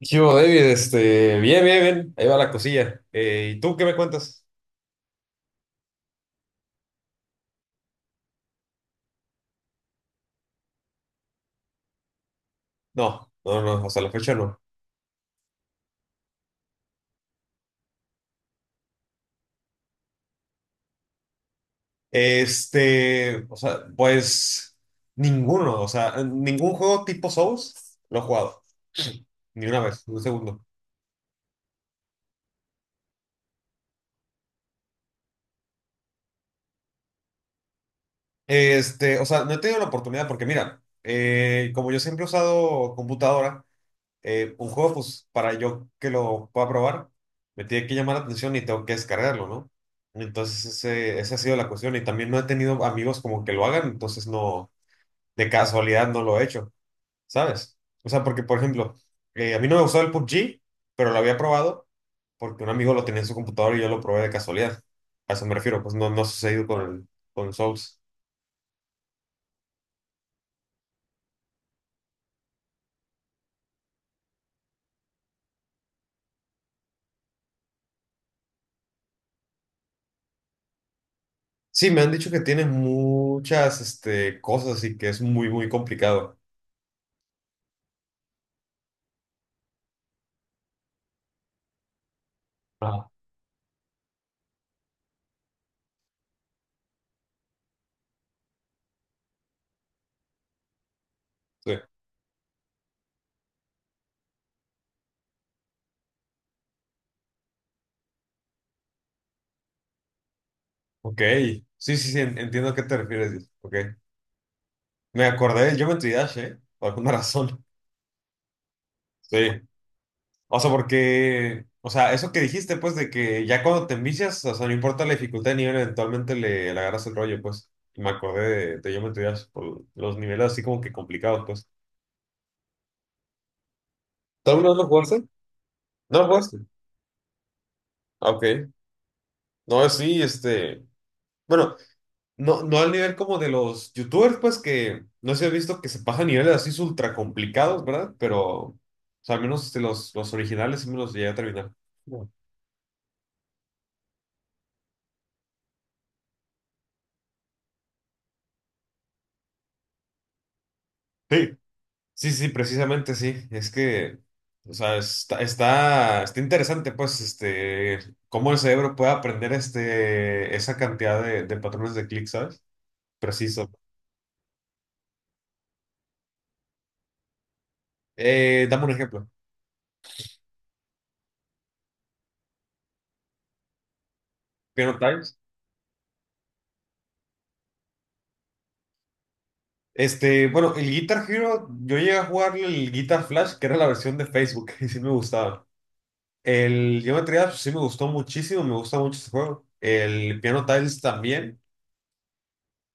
¿Qué hubo, David? Bien, bien, bien. Ahí va la cosilla. ¿Y tú qué me cuentas? No, no, no, hasta la fecha no. Pues ninguno, o sea, ningún juego tipo Souls lo he jugado. Ni una vez, ni un segundo. O sea, no he tenido la oportunidad porque mira, como yo siempre he usado computadora, un juego, pues para yo que lo pueda probar, me tiene que llamar la atención y tengo que descargarlo, ¿no? Entonces, esa ha sido la cuestión. Y también no he tenido amigos como que lo hagan, entonces no, de casualidad no lo he hecho, ¿sabes? O sea, porque, por ejemplo, a mí no me gustaba el PUBG, pero lo había probado porque un amigo lo tenía en su computador y yo lo probé de casualidad. A eso me refiero, pues no, no ha sucedido con el Souls. Sí, me han dicho que tiene muchas, cosas y que es muy, muy complicado. Ajá. Sí. Ok, sí, sí, sí, entiendo a qué te refieres. Ok, me acordé del Geometry Dash, ¿eh? Por alguna razón. Sí, o sea, porque, o sea, eso que dijiste, pues, de que ya cuando te envicias, o sea, no importa la dificultad de nivel, eventualmente le agarras el rollo, pues. Y me acordé de Geometry Dash por los niveles así como que complicados, pues. ¿Tú alguna vez lo jugaste? No lo jugaste. Ah, ok, no, sí. Bueno. No, no al nivel como de los youtubers, pues que no se ha visto que se pasan niveles así ultra complicados, ¿verdad? Pero, o sea, al menos los originales sí me los llegué a terminar. Bueno. Sí, sí, sí, precisamente sí. Es que, o sea, está interesante, pues, cómo el cerebro puede aprender esa cantidad de patrones de clic, ¿sabes? Preciso. Dame un ejemplo. Piano Times. Bueno, el Guitar Hero, yo llegué a jugar el Guitar Flash, que era la versión de Facebook, y sí me gustaba. El Geometry Dash sí me gustó muchísimo, me gusta mucho ese juego. El Piano Tiles también,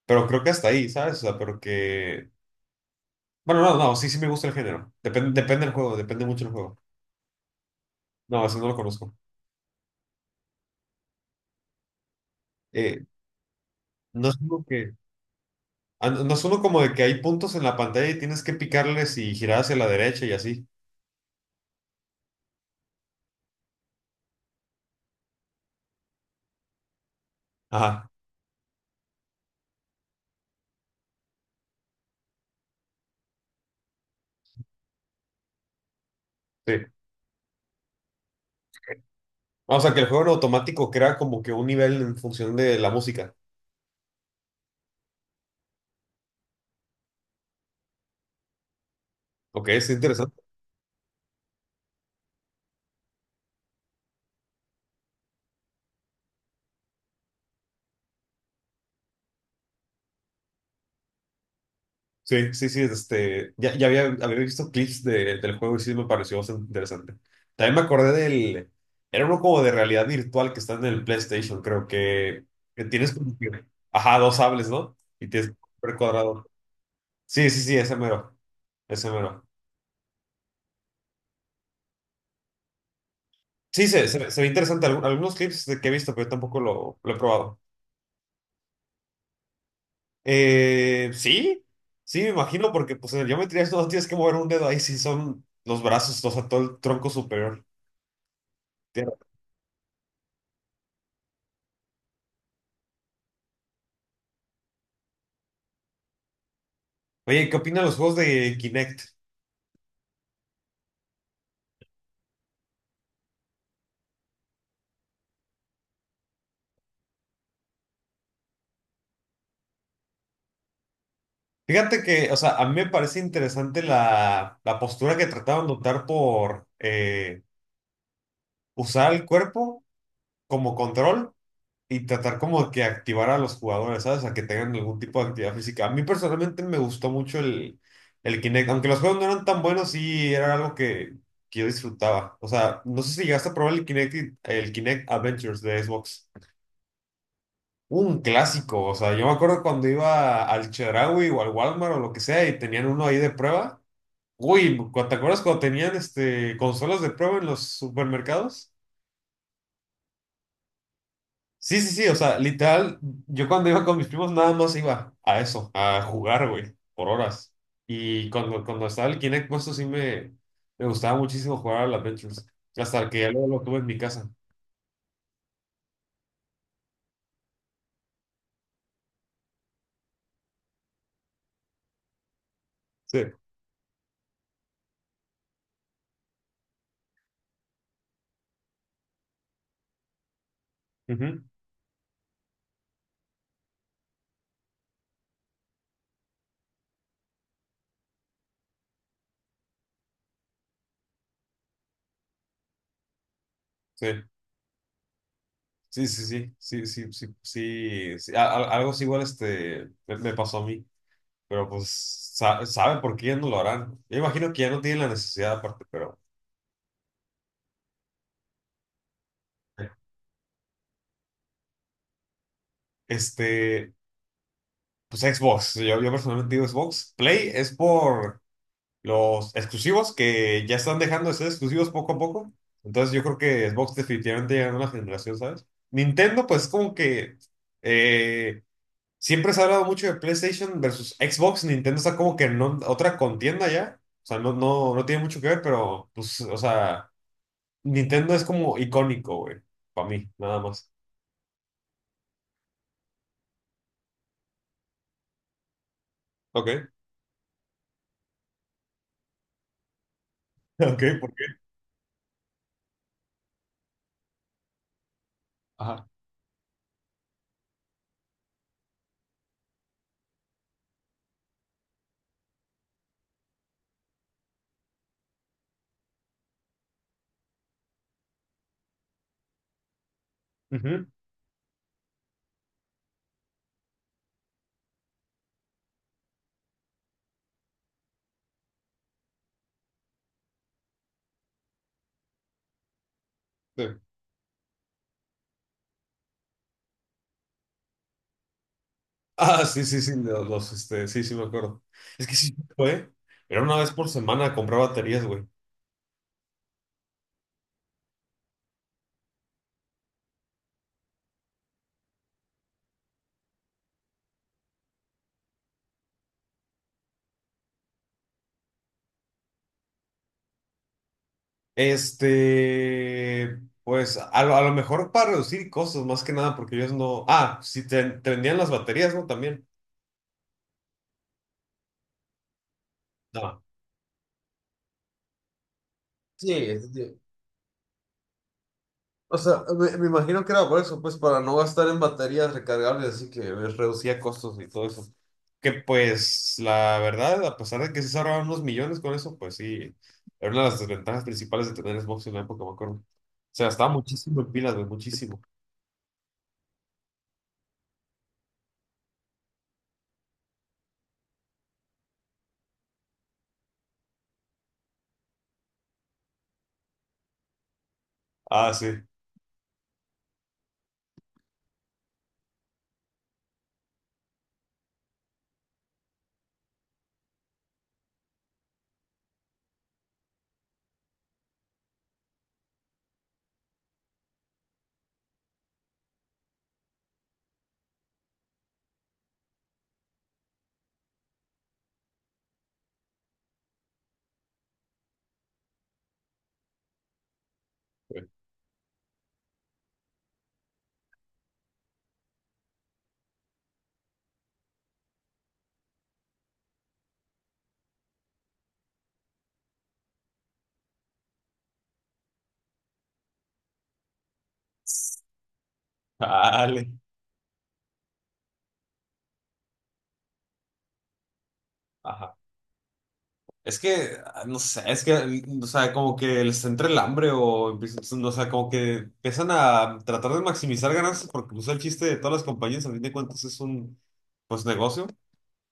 pero creo que hasta ahí, ¿sabes? O sea, pero que... Bueno, no, no, sí, sí me gusta el género. Depende del juego, depende mucho del juego. No, eso no lo conozco. Eh, no es uno que... Ah, no es uno como de que hay puntos en la pantalla y tienes que picarles y girar hacia la derecha y así. Ajá, sí. Ah, o sea, que el juego en automático crea como que un nivel en función de la música. Ok, es interesante. Sí, sí, sí, ya había visto clips del juego y sí me pareció bastante interesante. También me acordé era uno como de realidad virtual que está en el PlayStation, creo que tienes como que, ajá, dos sables, ¿no? Y tienes que ver cuadrado. Sí, sí, sí, ese mero, ese mero. Sí, se ve interesante. Algunos clips de que he visto, pero yo tampoco lo he probado. Sí, sí, me imagino, porque pues en el geometría no tienes que mover un dedo ahí, si son los brazos, o sea, todo el tronco superior. Tierra. Oye, ¿qué opinan los juegos de Kinect? Fíjate que, o sea, a mí me parece interesante la postura que trataban de optar por usar el cuerpo como control. Y tratar como que activar a los jugadores, ¿sabes? A que tengan algún tipo de actividad física. A mí personalmente me gustó mucho el Kinect. Aunque los juegos no eran tan buenos, sí era algo que yo disfrutaba. O sea, no sé si llegaste a probar el Kinect, el Kinect Adventures de Xbox. Un clásico. O sea, yo me acuerdo cuando iba al Chedraui o al Walmart o lo que sea y tenían uno ahí de prueba. Uy, ¿te acuerdas cuando tenían consolas de prueba en los supermercados? Sí, sí, sí, o sea, literal, yo cuando iba con mis primos nada más iba a eso, a jugar, güey, por horas. Y cuando estaba el Kinect puesto sí me gustaba muchísimo jugar al Adventures, hasta que ya luego lo tuve en mi casa. Sí. Ujú. Sí, sí, sí, sí, sí, sí, sí, sí, sí, algo así igual me pasó a mí, pero pues saben por qué ya no lo harán. Yo imagino que ya no tienen la necesidad aparte, pero este, pues Xbox, yo personalmente digo Xbox, Play es por los exclusivos que ya están dejando de ser exclusivos poco a poco. Entonces yo creo que Xbox definitivamente llega a una generación, ¿sabes? Nintendo, pues como que eh, siempre se ha hablado mucho de PlayStation versus Xbox. Nintendo está como que otra contienda ya. O sea, no, no, no tiene mucho que ver, pero pues, o sea, Nintendo es como icónico, güey. Para mí, nada más. Ok. Ok, ¿por qué? Ajá. Ujú. Sí. Ah, sí, sí, sí, sí, sí me acuerdo. Es que sí, fue. Era una vez por semana comprar baterías, güey. Pues a lo mejor para reducir costos, más que nada, porque ellos no. Ah, sí, te vendían las baterías, ¿no? También. No. Sí, o sea, me imagino que era por eso, pues para no gastar en baterías recargables, así que pues, reducía costos y todo eso. Que pues la verdad, a pesar de que sí se ahorraban unos millones con eso, pues sí, era una de las desventajas principales de tener Xbox en la época, me acuerdo. Se gastaba muchísimo en pilas, güey, muchísimo. Ah, sí. Dale. Ajá. Es que, no sé, es que, o sea, como que les entra el hambre o, no, o sea, como que empiezan a tratar de maximizar ganancias porque pues el chiste de todas las compañías, a fin de cuentas, es un, pues, negocio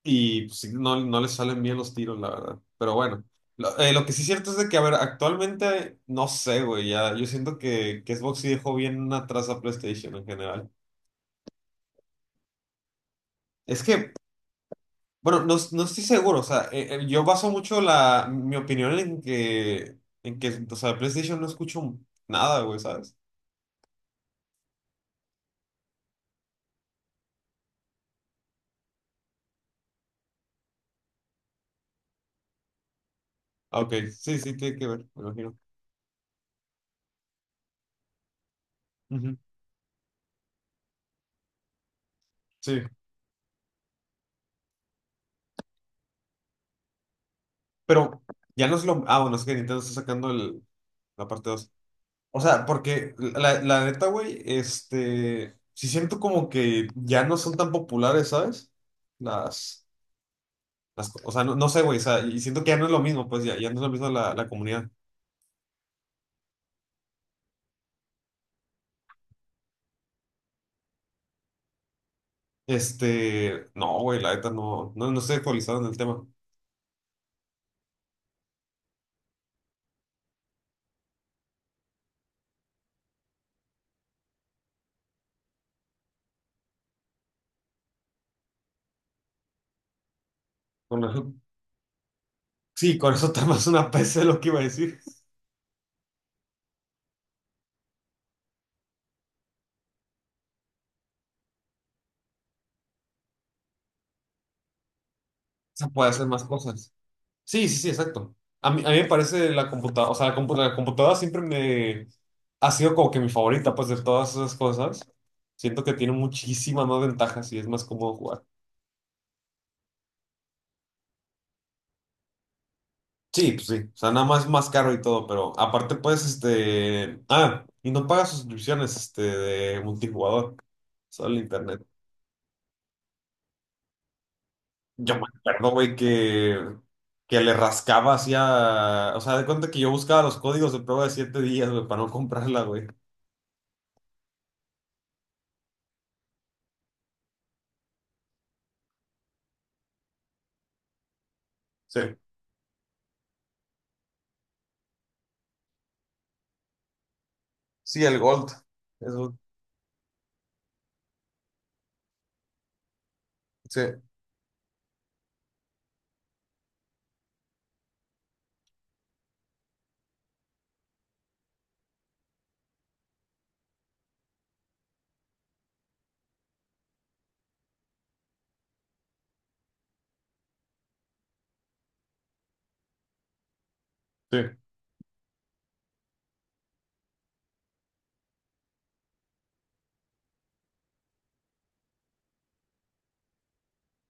y pues, sí, no, no les salen bien los tiros, la verdad. Pero bueno, lo que sí es cierto es de que, a ver, actualmente, no sé, güey, ya, yo siento que Xbox sí dejó bien atrás a PlayStation en general. Es que Bueno, no, no estoy seguro, o sea, yo baso mucho mi opinión en en que, o sea, PlayStation no escucho nada, güey, ¿sabes? Ah, ok, sí, sí, tiene que ver, me imagino. Ujú. Sí, pero ya no es lo, bueno, es que Nintendo está sacando la parte 2. O sea, porque la neta, güey, sí siento como que ya no son tan populares, ¿sabes? Las, o sea, no, no sé, güey, o sea, y siento que ya no es lo mismo, pues ya no es lo mismo la comunidad. No, güey, la neta no, no, no estoy actualizado en el tema. Con eso- sí, con eso está más una PC lo que iba a decir. Se puede hacer más cosas. Sí, sí, sí, exacto. A mí me parece la computadora, o sea, la computadora siempre me ha sido como que mi favorita, pues, de todas esas cosas. Siento que tiene muchísimas más ventajas y es más cómodo jugar. Sí, pues sí. O sea, nada más más caro y todo, pero aparte, pues. Ah, y no pagas suscripciones, de multijugador, solo el internet. Yo me acuerdo, güey, que le rascaba hacia. O sea, de cuenta que yo buscaba los códigos de prueba de 7 días, güey, para no comprarla, güey. Sí, sí, el Gold. Eso. Sí, sí.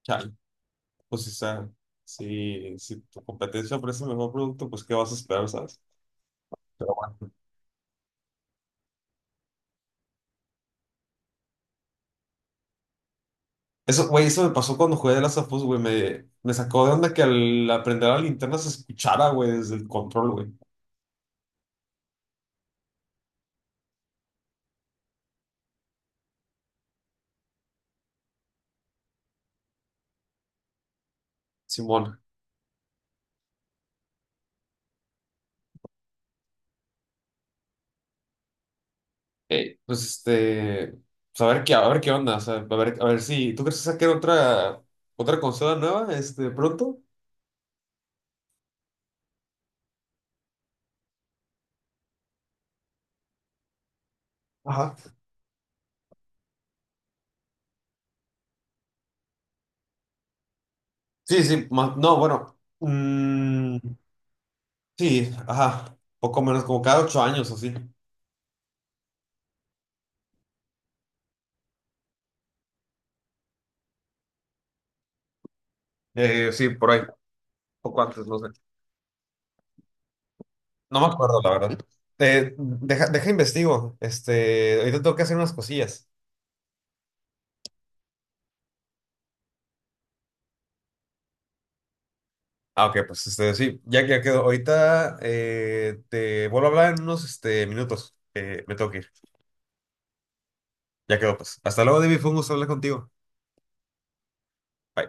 Chale, pues, o sea, si tu competencia ofrece el mejor producto, pues, ¿qué vas a esperar, sabes? Pero bueno. Eso, güey, eso me pasó cuando jugué de las of Us, güey. Me sacó de onda que al aprender la linterna se escuchara, güey, desde el control, güey. Simón. eh, pues este, pues a ver qué onda, o sea, a ver si, ¿tú crees que saquen otra consola nueva, pronto? Ajá. Sí, sí, no, bueno, sí, ajá, poco menos, como cada 8 años o así. Sí, por ahí, poco antes, no sé. No me acuerdo, la verdad. Deja, investigo, ahorita tengo que hacer unas cosillas. Ah, ok, pues sí, ya quedó. Ahorita te vuelvo a hablar en unos minutos. Me tengo que ir. Ya quedó, pues. Hasta luego, David. Fue un gusto hablar contigo. Bye.